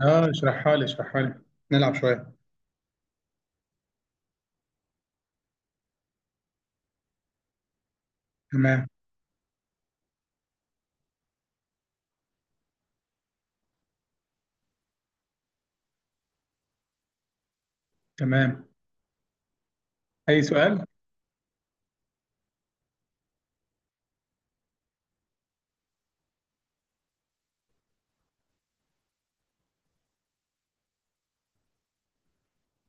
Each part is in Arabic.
اه، اشرحها لي، اشرحها لي. نلعب شوية. تمام. تمام. أي سؤال؟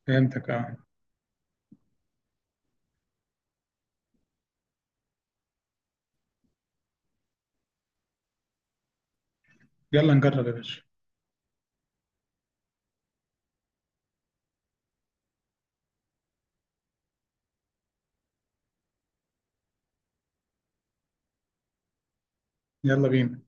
فهمتك اه. يلا نجرب يا باشا. يلا بينا.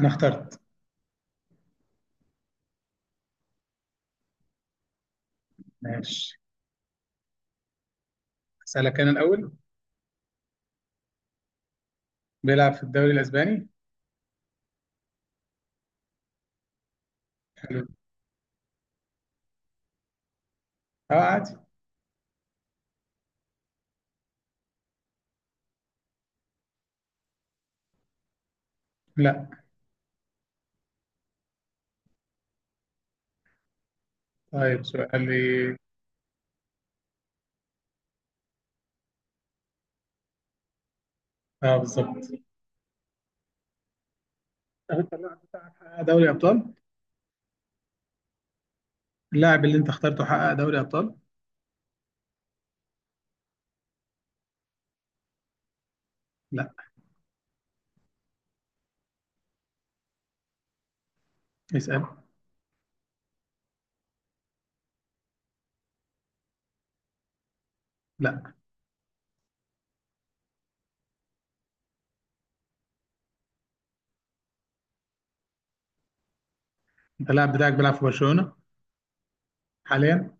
أنا اخترت. ماشي. أسألك أنا الأول. بيلعب في الدوري الأسباني؟ حلو. اه عادي. لا. طيب سؤالي. اه بالظبط. أنت حقق دوري أبطال؟ اللاعب اللي أنت اخترته حقق دوري أبطال؟ لا. اسأل. لا. أنت اللاعب بتاعك بيلعب في برشلونة حاليا؟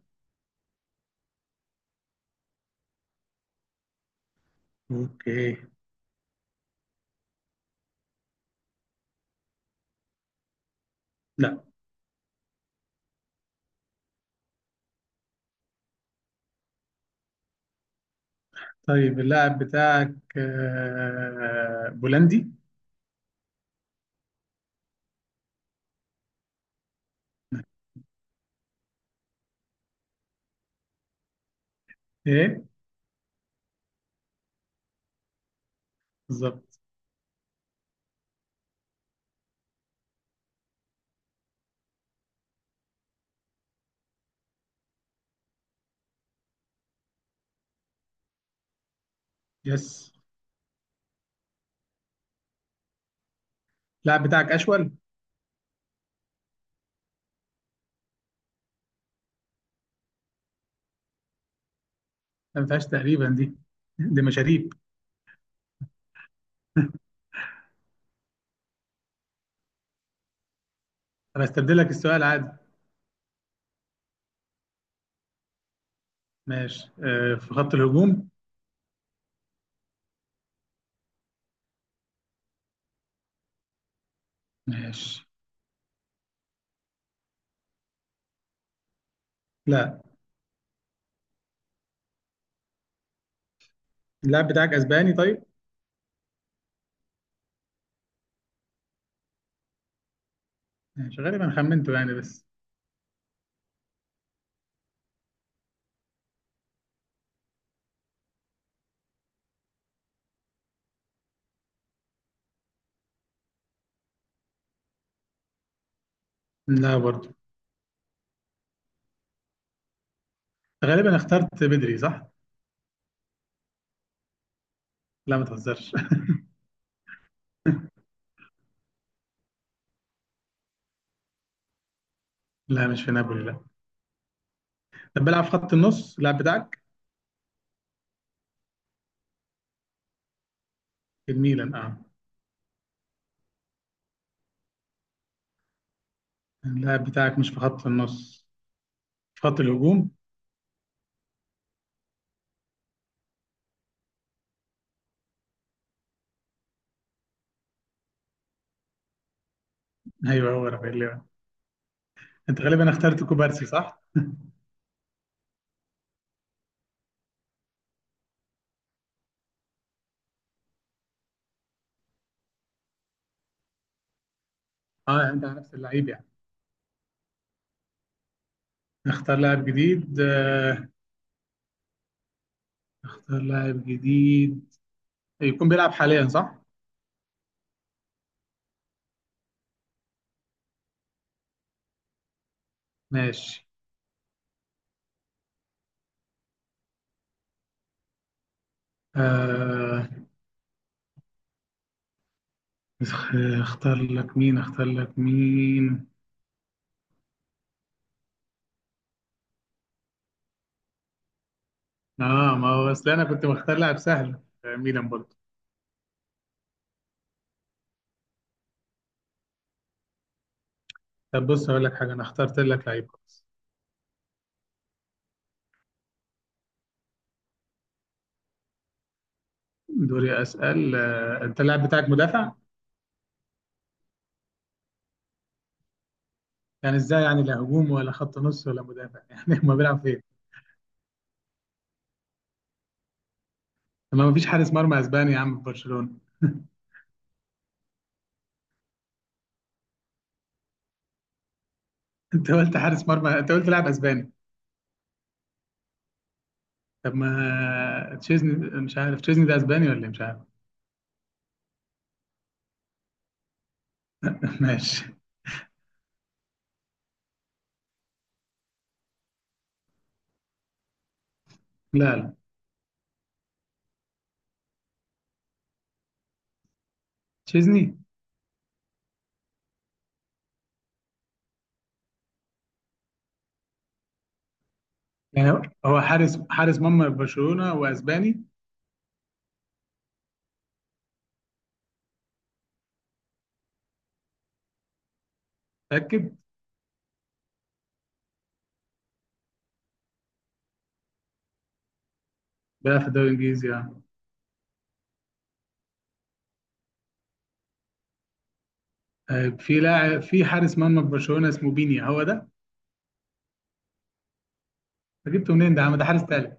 اوكي. لا. طيب اللاعب بتاعك بولندي؟ ايه بالظبط. يس. اللاعب بتاعك اشول. ما فيهاش تقريبا دي، دي مشاريب. طب هستبدل لك السؤال عادي. ماشي، آه في خط الهجوم. ماشي. لا. اللاعب بتاعك اسباني طيب. ماشي، غالبا خمنته يعني بس. لا برضه. غالبا اخترت بدري صح. لا ما تهزرش. لا مش في نابولي، لا. طب بلعب في خط النص اللاعب بتاعك؟ في الميلان اه. اللاعب بتاعك مش في خط النص، في خط الهجوم. ايوه هو رافائيل ليفا. انت غالبا اخترت كوبارسي صح. اه انت على نفس اللعيب يعني. نختار لاعب جديد. اختار لاعب جديد. يكون بيلعب حاليا صح؟ ماشي. آه... اخ- اختار لك مين، اختار لك مين. اه ما هو اصل انا كنت مختار لاعب سهل، ميلان برضه. طب بص اقول لك حاجه، انا اخترت لك لعيب خلاص. دوري اسال. انت اللاعب بتاعك مدافع؟ يعني ازاي يعني لا هجوم ولا خط نص ولا مدافع يعني ما بيلعب فين؟ طب ما فيش حارس مرمى اسباني يا عم في برشلونه. انت قلت حارس مرمى، انت قلت لاعب اسباني. طب ما تشيزني. مش عارف تشيزني ده اسباني ولا إيه؟ مش عارف. ماشي. لا تشيزني. يعني هو حارس مرمى برشلونة واسباني. متأكد. بيلعب في الدوري الانجليزي يعني. آه، في لاعب، في حارس مرمى في برشلونة اسمه بينيا، هو ده. أنت جبته منين ده؟ عم ده حارس تالت.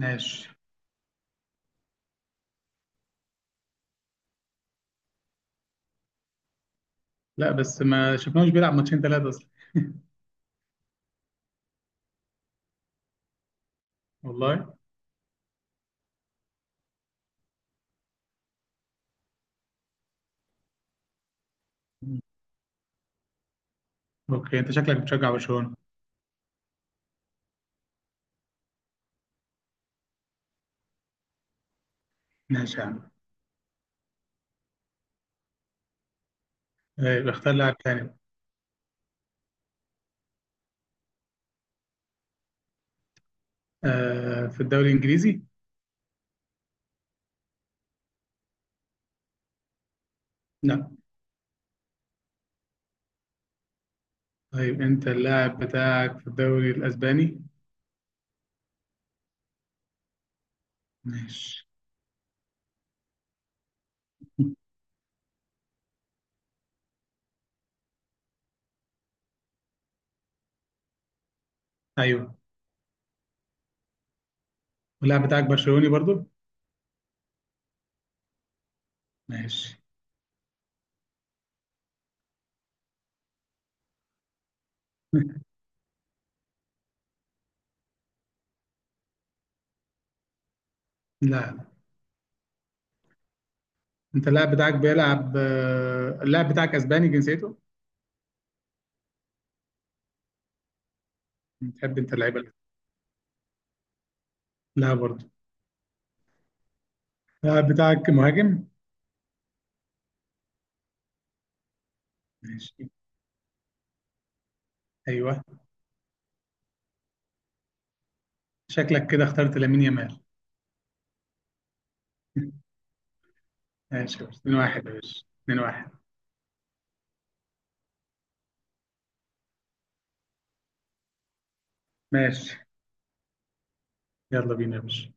ماشي. لا بس ما شفناهوش بيلعب ماتشين ثلاثة اصلا. والله. اوكي انت شكلك بتشجع برشلونة. ماشي يا عم. طيب اختار لاعب تاني. آه في الدوري الانجليزي. لا. طيب انت اللاعب بتاعك في الدوري الاسباني. ماشي. ايوه. واللاعب بتاعك برشلوني برضو. ماشي. لا. انت اللاعب بتاعك بيلعب، آه، اللاعب بتاعك اسباني جنسيته. بتحب انت اللعيبه. لا برضه. اللاعب بتاعك مهاجم. ماشي. ايوه. شكلك كده اخترت لامين يامال. ماشي يا باشا، 2 1 يا باشا، 2 1. ماشي. يلا بينا يا باشا.